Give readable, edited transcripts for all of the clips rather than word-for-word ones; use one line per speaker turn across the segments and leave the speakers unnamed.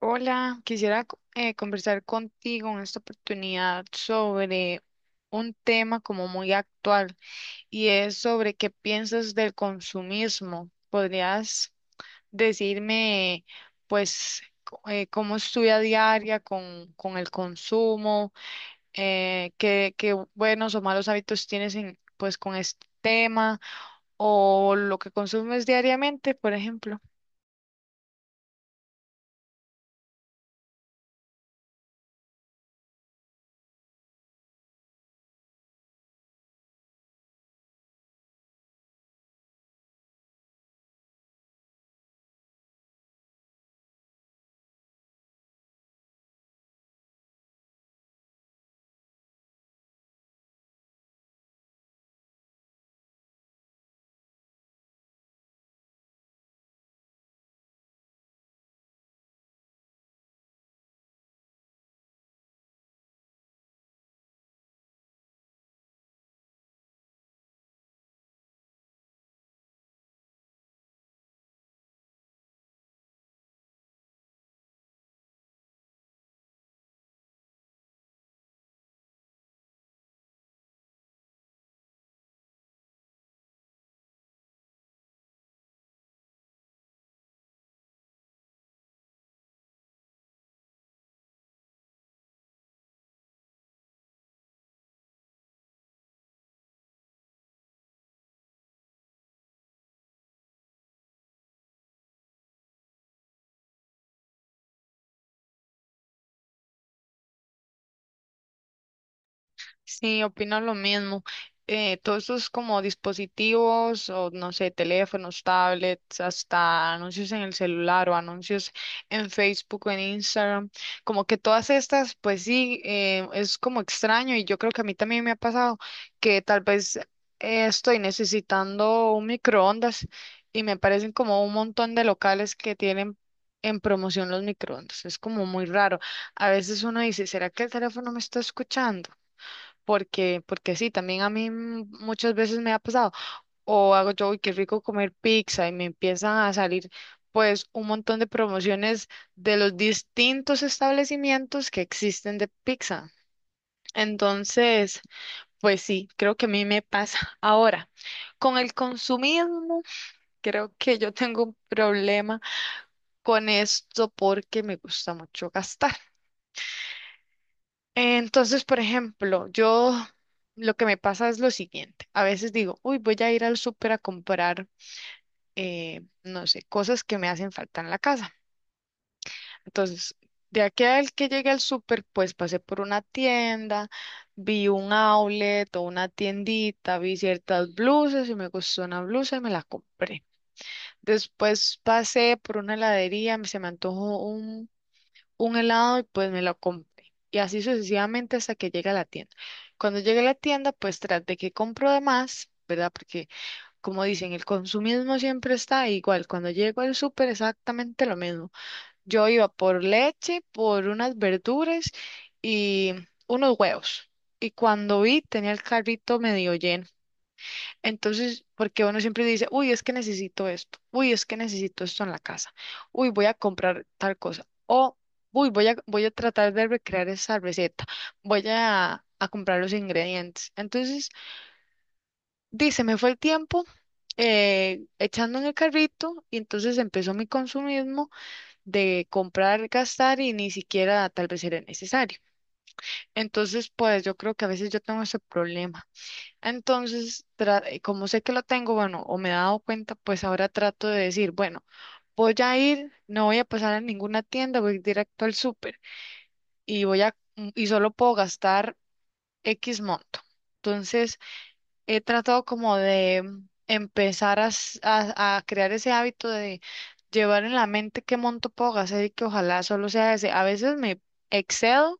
Hola, quisiera conversar contigo en esta oportunidad sobre un tema como muy actual y es sobre qué piensas del consumismo. ¿Podrías decirme, pues, cómo es tu vida diaria con el consumo? Qué buenos o malos hábitos tienes en, pues, con este tema o lo que consumes diariamente, por ejemplo? Sí, opino lo mismo. Todos estos como dispositivos o no sé, teléfonos, tablets, hasta anuncios en el celular o anuncios en Facebook o en Instagram, como que todas estas, pues sí, es como extraño y yo creo que a mí también me ha pasado que tal vez estoy necesitando un microondas y me parecen como un montón de locales que tienen en promoción los microondas. Es como muy raro. A veces uno dice, ¿será que el teléfono me está escuchando? Porque sí, también a mí muchas veces me ha pasado, o hago yo, uy, qué rico comer pizza, y me empiezan a salir pues un montón de promociones de los distintos establecimientos que existen de pizza. Entonces, pues sí, creo que a mí me pasa. Ahora, con el consumismo, creo que yo tengo un problema con esto porque me gusta mucho gastar. Entonces, por ejemplo, yo lo que me pasa es lo siguiente. A veces digo, uy, voy a ir al súper a comprar, no sé, cosas que me hacen falta en la casa. Entonces, de aquí al que llegué al súper, pues pasé por una tienda, vi un outlet o una tiendita, vi ciertas blusas y me gustó una blusa y me la compré. Después pasé por una heladería, se me antojó un helado y pues me lo compré. Y así sucesivamente hasta que llegue a la tienda. Cuando llegue a la tienda, pues tras de que compro de más, ¿verdad? Porque como dicen, el consumismo siempre está igual. Cuando llego al súper, exactamente lo mismo. Yo iba por leche, por unas verduras y unos huevos. Y cuando vi, tenía el carrito medio lleno. Entonces, porque uno siempre dice, uy, es que necesito esto, uy, es que necesito esto en la casa, uy, voy a comprar tal cosa, o uy, voy a tratar de recrear esa receta, voy a comprar los ingredientes. Entonces, dice, me fue el tiempo echando en el carrito y entonces empezó mi consumismo de comprar, gastar y ni siquiera tal vez era necesario. Entonces, pues yo creo que a veces yo tengo ese problema. Entonces, como sé que lo tengo, bueno, o me he dado cuenta, pues ahora trato de decir, bueno, voy a ir, no voy a pasar a ninguna tienda, voy directo al súper y y solo puedo gastar X monto. Entonces, he tratado como de empezar a, a crear ese hábito de llevar en la mente qué monto puedo gastar y que ojalá solo sea ese. A veces me excedo,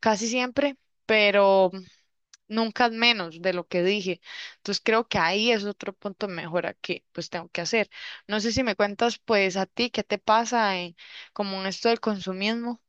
casi siempre, pero nunca es menos de lo que dije. Entonces creo que ahí es otro punto de mejora que pues tengo que hacer. No sé si me cuentas pues a ti qué te pasa en, como en esto del consumismo.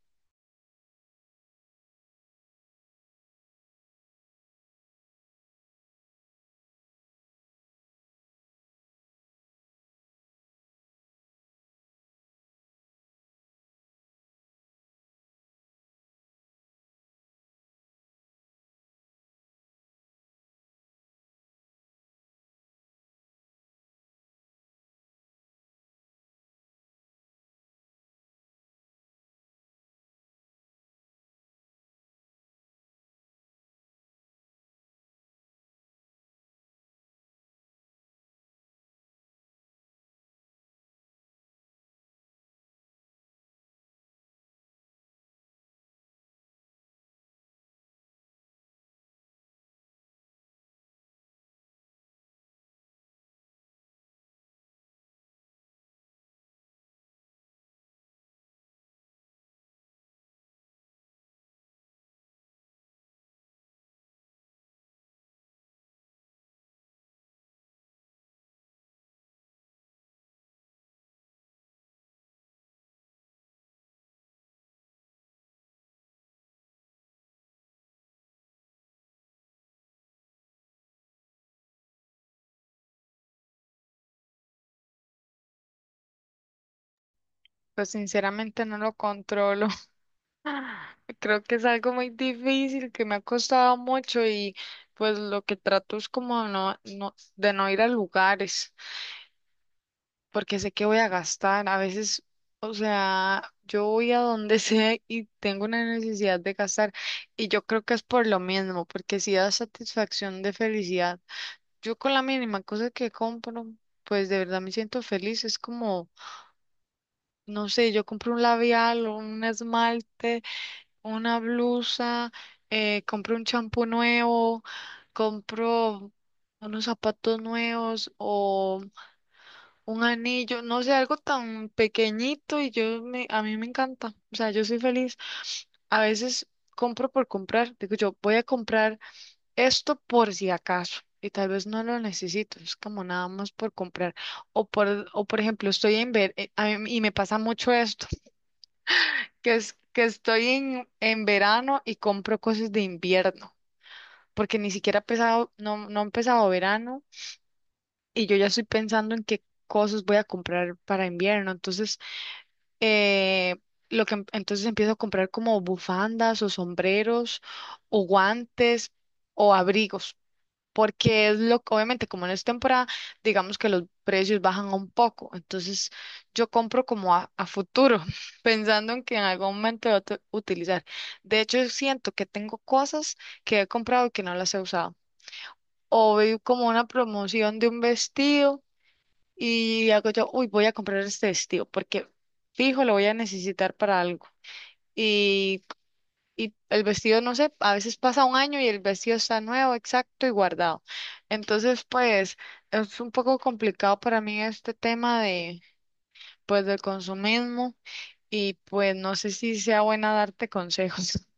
Pues sinceramente no lo controlo. Creo que es algo muy difícil, que me ha costado mucho y pues lo que trato es como de no ir a lugares. Porque sé que voy a gastar. A veces, o sea, yo voy a donde sea y tengo una necesidad de gastar. Y yo creo que es por lo mismo, porque si da satisfacción de felicidad. Yo con la mínima cosa que compro, pues de verdad me siento feliz. Es como, no sé, yo compro un labial, un esmalte, una blusa, compro un champú nuevo, compro unos zapatos nuevos o... Un anillo, no sé, algo tan pequeñito y a mí me encanta. O sea, yo soy feliz. A veces compro por comprar. Digo yo, voy a comprar esto por si acaso. Y tal vez no lo necesito. Es como nada más por comprar. O por ejemplo, estoy en ver, a mí- y me pasa mucho esto, que es que estoy en verano y compro cosas de invierno. Porque ni siquiera ha empezado, no ha empezado verano y yo ya estoy pensando en qué cosas voy a comprar para invierno. Entonces eh, entonces empiezo a comprar como bufandas o sombreros o guantes o abrigos, porque es lo obviamente como en esta temporada, digamos que los precios bajan un poco, entonces yo compro como a futuro, pensando en que en algún momento voy a utilizar. De hecho, siento que tengo cosas que he comprado y que no las he usado. O veo como una promoción de un vestido y hago yo, uy, voy a comprar este vestido porque fijo, lo voy a necesitar para algo. Y, y el vestido, no sé, a veces pasa un año y el vestido está nuevo, exacto y guardado. Entonces, pues, es un poco complicado para mí este tema de, pues, del consumismo y pues no sé si sea buena darte consejos.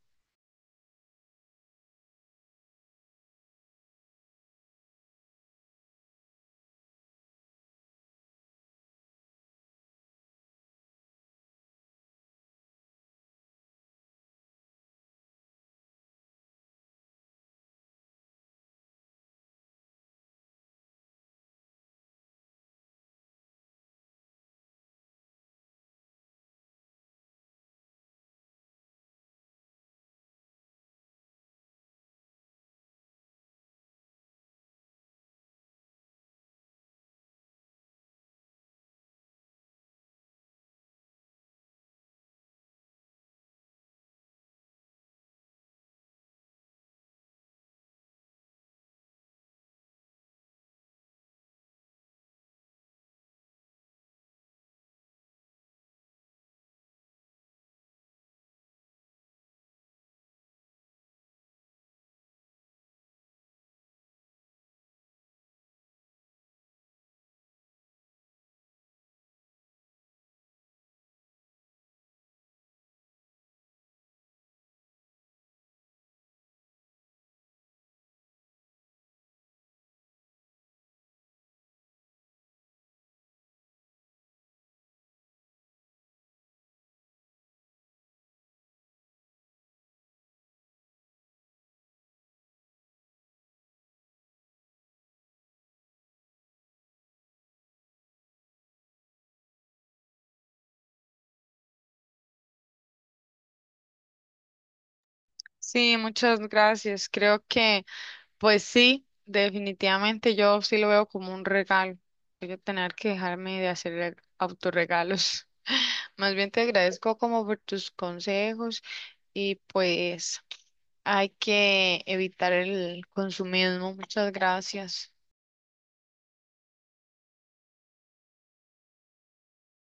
Sí, muchas gracias. Creo que pues sí, definitivamente yo sí lo veo como un regalo. Voy a tener que dejarme de hacer autorregalos. Más bien te agradezco como por tus consejos y pues hay que evitar el consumismo. Muchas gracias.